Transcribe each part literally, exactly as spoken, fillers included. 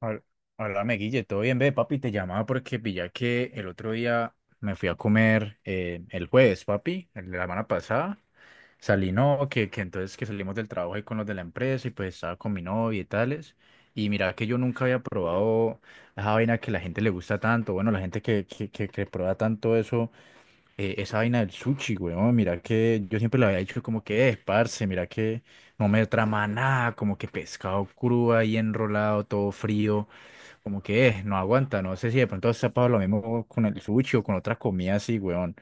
Hab- Háblame, Guille, todo bien, ve, papi, te llamaba porque pillé que el otro día me fui a comer eh, el jueves, papi, el de la semana pasada. Salí, no, que, que entonces que salimos del trabajo ahí con los de la empresa y pues estaba con mi novia y tales. Y mira que yo nunca había probado esa vaina que la gente le gusta tanto, bueno, la gente que, que, que, que prueba tanto eso, eh, esa vaina del sushi, weón, mira que yo siempre le había dicho como que es, parce, mira que no me trama nada, como que pescado crudo ahí enrolado, todo frío, como que es, no aguanta, no sé si de pronto se ha pasado lo mismo con el sushi o con otras comidas así, weón.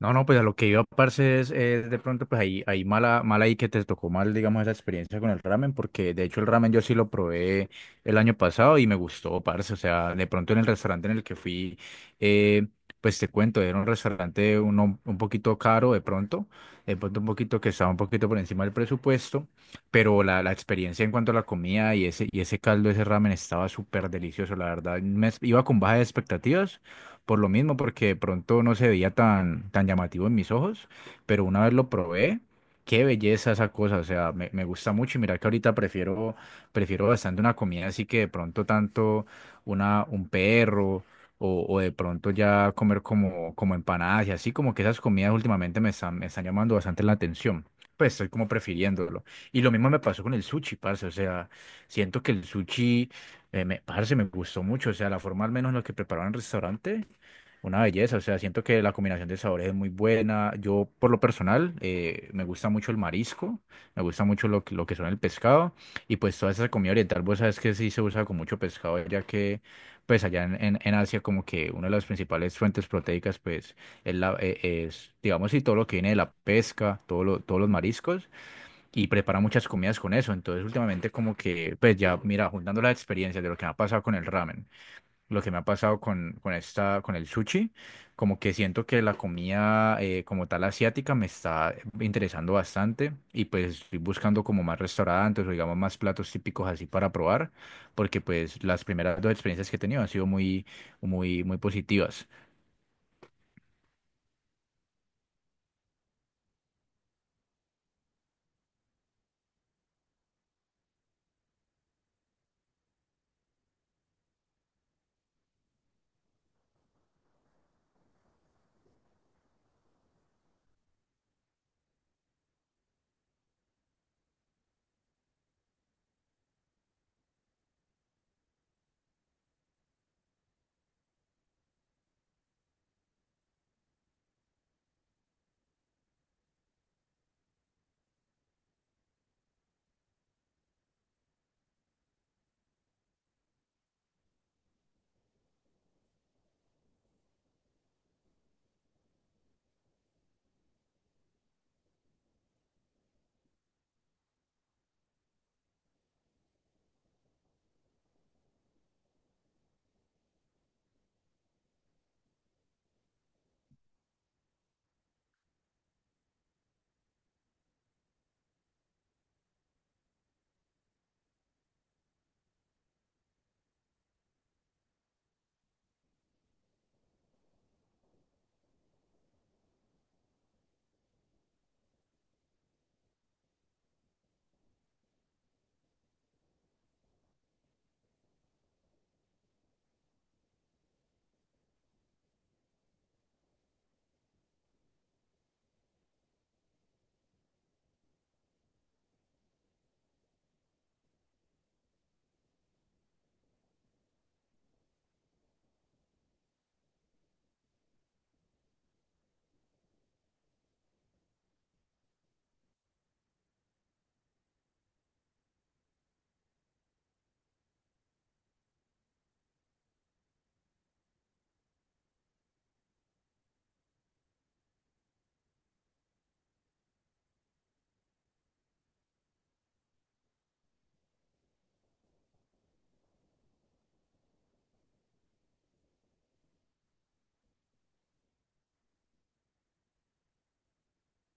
No, no, pues a lo que iba, parce, es, es de pronto, pues ahí, ahí mala, mala ahí que te tocó mal, digamos, esa experiencia con el ramen, porque de hecho el ramen yo sí lo probé el año pasado y me gustó, parce, o sea, de pronto en el restaurante en el que fui, eh, pues te cuento, era un restaurante uno, un poquito caro de pronto, de pronto un poquito que estaba un poquito por encima del presupuesto, pero la, la experiencia en cuanto a la comida y ese, y ese caldo, ese ramen estaba súper delicioso, la verdad, me, iba con bajas expectativas por lo mismo, porque de pronto no se veía tan, tan llamativo en mis ojos, pero una vez lo probé, qué belleza esa cosa, o sea, me, me gusta mucho y mira que ahorita prefiero, prefiero bastante una comida así que de pronto tanto una, un perro o, o de pronto ya comer como, como empanadas y así, como que esas comidas últimamente me están, me están llamando bastante la atención. Pues estoy como prefiriéndolo. Y lo mismo me pasó con el sushi, parce. O sea, siento que el sushi, eh, me, parce, me gustó mucho. O sea, la forma al menos en la que preparaban el restaurante. Una belleza, o sea, siento que la combinación de sabores es muy buena. Yo, por lo personal, eh, me gusta mucho el marisco, me gusta mucho lo, que- lo que son el pescado y pues toda esa comida oriental, vos sabes que sí se usa con mucho pescado, ya que pues allá en, en- en Asia como que una de las principales fuentes proteicas pues es, la, eh, es, digamos, sí, todo lo que viene de la pesca, todo lo- todos los mariscos y prepara muchas comidas con eso. Entonces, últimamente como que pues ya, mira, juntando las experiencias de lo que me ha pasado con el ramen lo que me ha pasado con, con esta, con el sushi, como que siento que la comida eh, como tal asiática me está interesando bastante y pues estoy buscando como más restaurantes o digamos más platos típicos así para probar, porque pues las primeras dos experiencias que he tenido han sido muy, muy, muy positivas.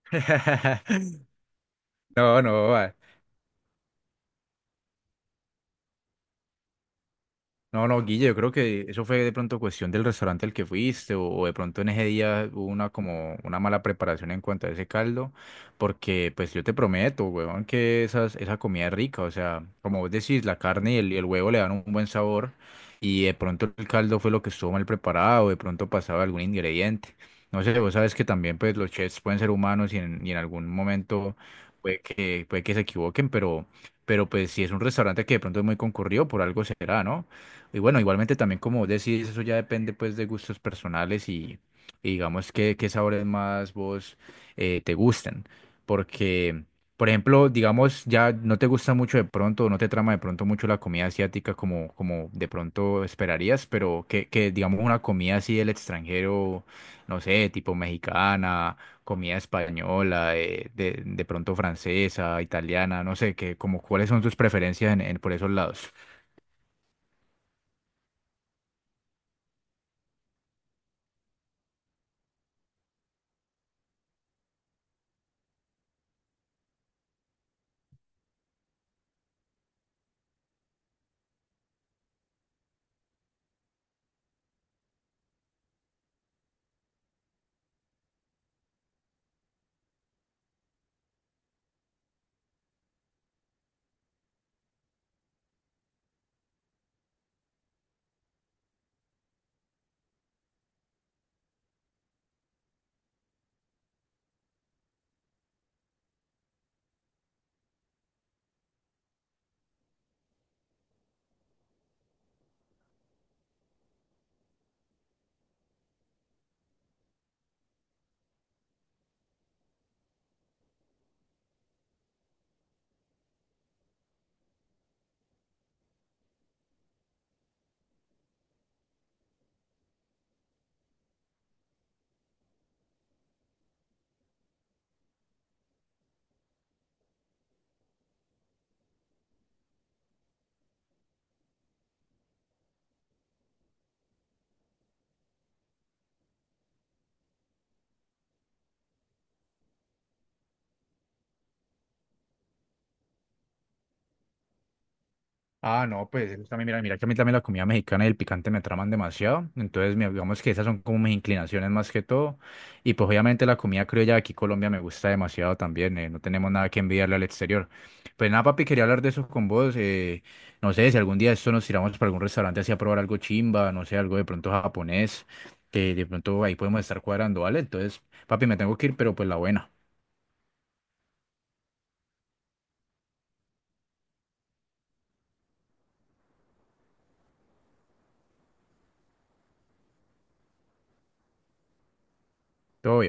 No, no, no, no, Guille, yo creo que eso fue de pronto cuestión del restaurante al que fuiste o, o de pronto en ese día hubo una como una mala preparación en cuanto a ese caldo, porque pues yo te prometo, huevón, que esas, esa comida es rica, o sea, como vos decís, la carne y el, y el huevo le dan un buen sabor y de pronto el caldo fue lo que estuvo mal preparado, de pronto pasaba algún ingrediente. No sé, vos sabes que también pues los chefs pueden ser humanos y en, y en algún momento puede que, puede que se equivoquen, pero, pero pues si es un restaurante que de pronto es muy concurrido, por algo será, ¿no? Y bueno, igualmente también como vos decís, eso ya depende pues de gustos personales y, y digamos que qué sabores más vos eh, te gusten. Porque, por ejemplo, digamos, ya no te gusta mucho de pronto, o no te trama de pronto mucho la comida asiática como, como de pronto esperarías, pero que, que digamos una comida así del extranjero, no sé, tipo mexicana, comida española, eh, de, de pronto francesa, italiana, no sé, que como cuáles son tus preferencias en, en- por esos lados. Ah, no, pues eso también, mira, mira que a mí también la comida mexicana y el picante me traman demasiado. Entonces, mi- digamos que esas son como mis inclinaciones más que todo. Y pues obviamente la comida criolla de aquí en Colombia me gusta demasiado también. Eh, no tenemos nada que envidiarle al exterior. Pues nada, papi, quería hablar de eso con vos. Eh, no sé, si algún día esto nos tiramos para algún restaurante así a probar algo chimba, no sé, algo de pronto japonés, que de pronto ahí podemos estar cuadrando, ¿vale? Entonces, papi, me tengo que ir, pero pues la buena. Todo bien.